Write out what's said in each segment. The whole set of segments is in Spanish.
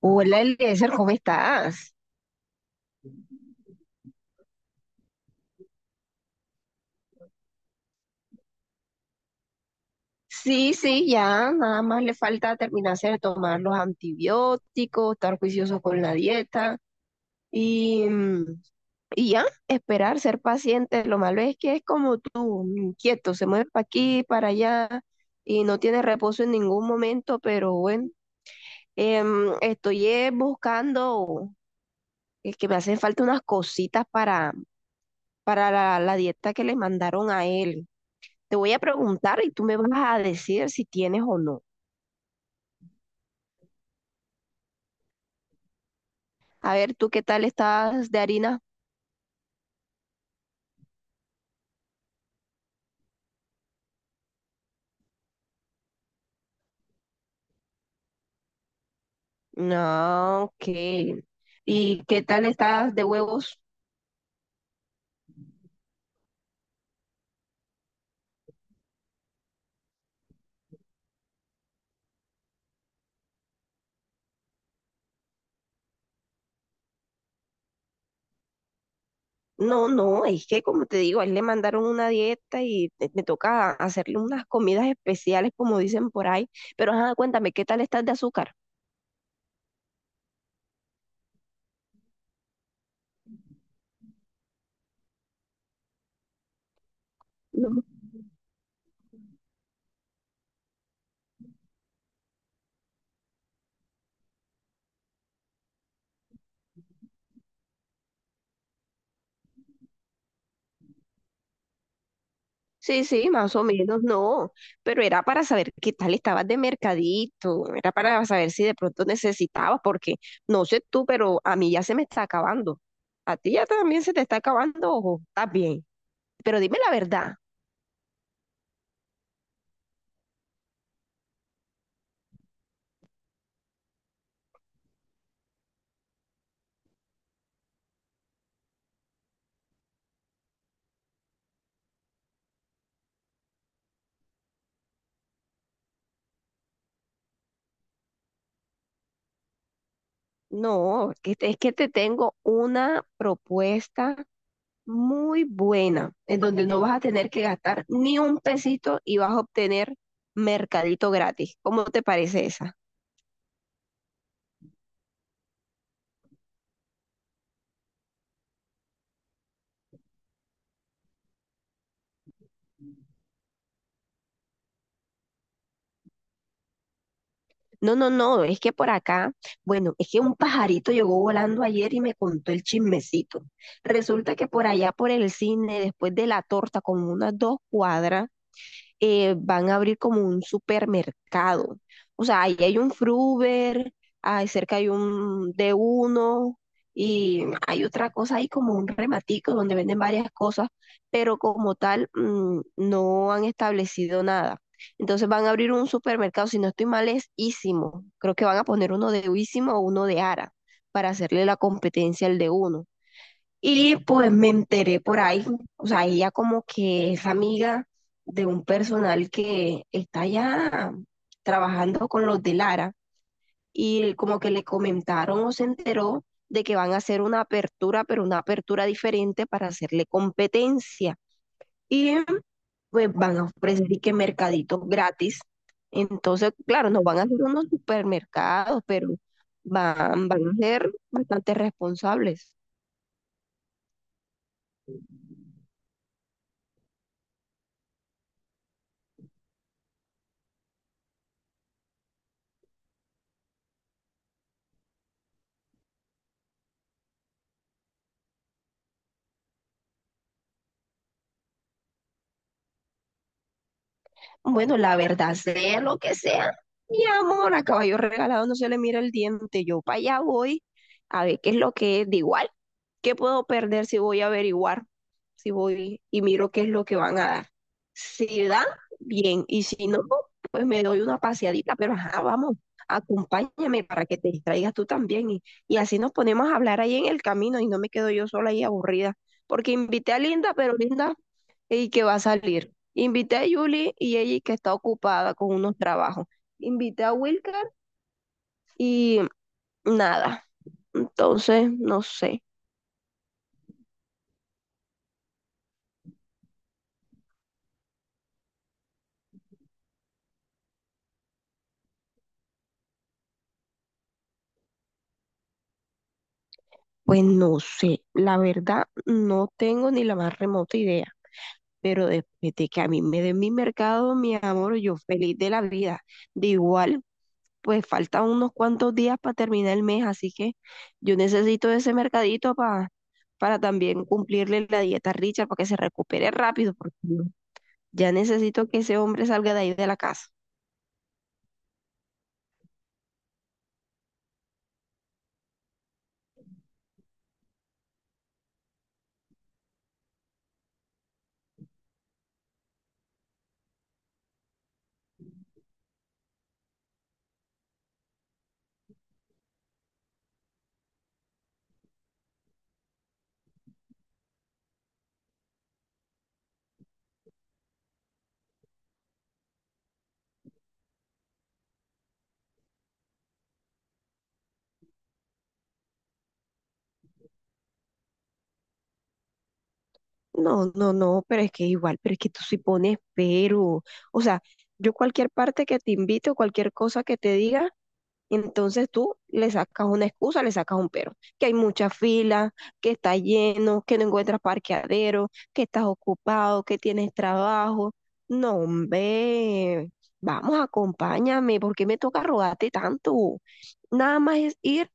Hola, Eliezer, ¿cómo estás? Sí, sí, ya, nada más le falta terminarse de tomar los antibióticos, estar juicioso con la dieta y, y ya, esperar, ser paciente. Lo malo es que es como tú, inquieto, se mueve para aquí, para allá y no tiene reposo en ningún momento, pero bueno, estoy buscando, es que me hacen falta unas cositas para la dieta que le mandaron a él. Te voy a preguntar y tú me vas a decir si tienes o no. A ver, ¿tú qué tal estás de harina? No, ok. ¿Y qué tal estás de huevos? No, no, es que como te digo, a él le mandaron una dieta y me toca hacerle unas comidas especiales, como dicen por ahí. Pero ajá, cuéntame, ¿qué tal estás de azúcar? Sí, sí, más o menos, no, pero era para saber qué tal estabas de mercadito, era para saber si de pronto necesitabas, porque no sé tú, pero a mí ya se me está acabando. A ti ya también se te está acabando, ojo, estás bien. Pero dime la verdad, no, es que te tengo una propuesta muy buena, en donde no vas a tener que gastar ni un pesito y vas a obtener mercadito gratis. ¿Cómo te parece esa? No, no, no, es que por acá, bueno, es que un pajarito llegó volando ayer y me contó el chismecito. Resulta que por allá, por el cine, después de la torta, como unas dos cuadras, van a abrir como un supermercado. O sea, ahí hay un Fruber, ahí cerca hay un d uno y hay otra cosa ahí como un rematico donde venden varias cosas, pero como tal no han establecido nada. Entonces van a abrir un supermercado, si no estoy mal es Ísimo. Creo que van a poner uno de Ísimo o uno de Ara para hacerle la competencia al de uno. Y pues me enteré por ahí, o sea, ella como que es amiga de un personal que está ya trabajando con los de Lara y como que le comentaron o se enteró de que van a hacer una apertura, pero una apertura diferente para hacerle competencia. Y pues van a ofrecer y que mercaditos gratis. Entonces, claro, no van a ser unos supermercados, pero van a ser bastante responsables. Bueno, la verdad, sea lo que sea, mi amor, a caballo regalado no se le mira el diente. Yo para allá voy a ver qué es lo que es. De igual, ¿qué puedo perder si voy a averiguar? Si voy y miro qué es lo que van a dar. Si dan, bien. Y si no, pues me doy una paseadita, pero ajá, vamos, acompáñame para que te distraigas tú también. Y así nos ponemos a hablar ahí en el camino y no me quedo yo sola ahí aburrida. Porque invité a Linda, pero Linda y que va a salir. Invité a Julie y ella que está ocupada con unos trabajos. Invité a Wilcar y nada. Entonces, no sé. Pues no sé. La verdad, no tengo ni la más remota idea. Pero después de que a mí me den mi mercado, mi amor, yo feliz de la vida. De igual, pues faltan unos cuantos días para terminar el mes, así que yo necesito ese mercadito para también cumplirle la dieta a Richard para que se recupere rápido, porque ya necesito que ese hombre salga de ahí de la casa. No, no, no, pero es que igual, pero es que tú sí pones pero. O sea, yo cualquier parte que te invite o cualquier cosa que te diga, entonces tú le sacas una excusa, le sacas un pero. Que hay mucha fila, que está lleno, que no encuentras parqueadero, que estás ocupado, que tienes trabajo. No, hombre, vamos, acompáñame, ¿por qué me toca rogarte tanto? Nada más es ir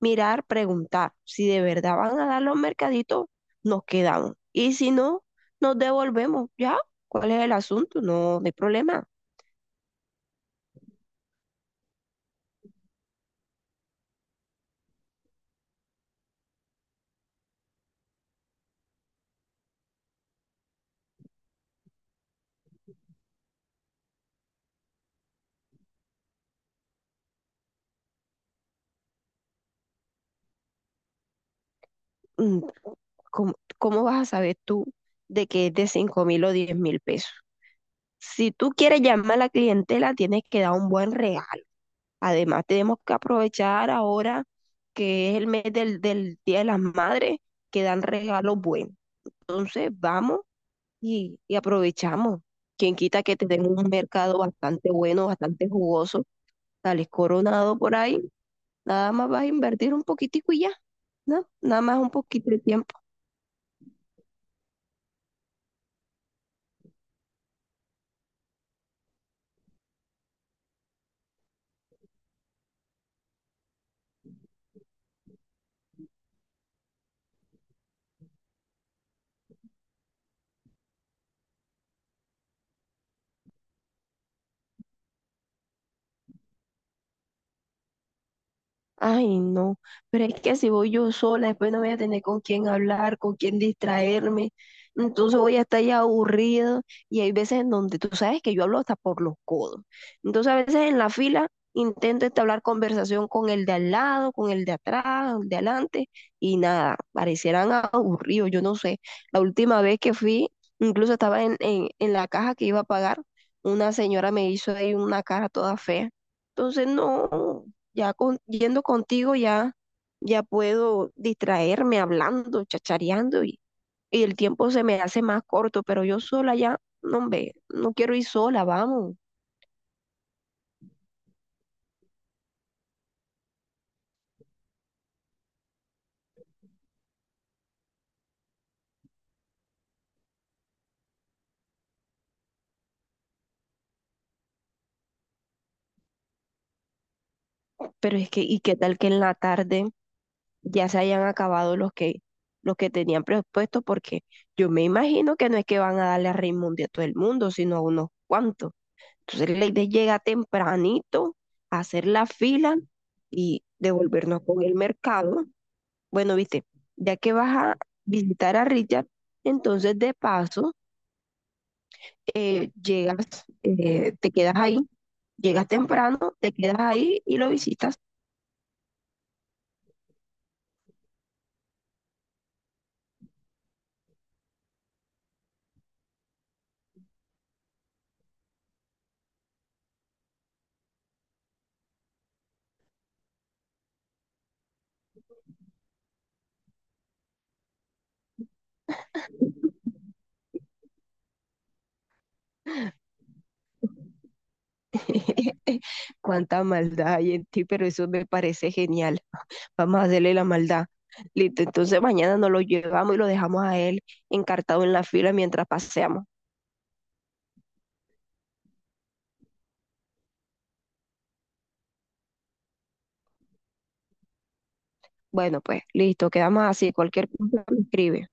mirar, preguntar. Si de verdad van a dar los mercaditos, nos quedamos. Y si no, nos devolvemos. ¿Ya? ¿Cuál es el asunto? No, no hay problema. Mm, ¿Cómo, cómo vas a saber tú de que es de 5.000 o 10.000 pesos? Si tú quieres llamar a la clientela, tienes que dar un buen regalo. Además, tenemos que aprovechar ahora que es el mes del Día de las Madres, que dan regalos buenos. Entonces, vamos y aprovechamos. Quien quita que tenemos un mercado bastante bueno, bastante jugoso, sales coronado por ahí, nada más vas a invertir un poquitico y ya, ¿no? Nada más un poquito de tiempo. Ay, no, pero es que si voy yo sola, después no voy a tener con quién hablar, con quién distraerme, entonces voy a estar ya aburrido y hay veces en donde tú sabes que yo hablo hasta por los codos. Entonces a veces en la fila intento entablar conversación con el de al lado, con el de atrás, el de adelante y nada, parecieran aburridos, yo no sé. La última vez que fui, incluso estaba en la caja que iba a pagar, una señora me hizo ahí una cara toda fea. Entonces no. Yendo contigo ya, ya puedo distraerme hablando, chachareando y el tiempo se me hace más corto, pero yo sola ya, no, hombre, no quiero ir sola, vamos. Pero es que, ¿y qué tal que en la tarde ya se hayan acabado los que tenían presupuesto? Porque yo me imagino que no es que van a darle a Raimundo a todo el mundo, sino a unos cuantos. Entonces la idea llega tempranito, hacer la fila y devolvernos con el mercado. Bueno, viste, ya que vas a visitar a Richard, entonces de paso llegas, te quedas ahí, llegas temprano, te quedas ahí y lo visitas. Cuánta maldad hay en ti, pero eso me parece genial. Vamos a hacerle la maldad. Listo, entonces mañana nos lo llevamos y lo dejamos a él encartado en la fila mientras paseamos. Bueno, pues listo, quedamos así. Cualquier cosa me escribe.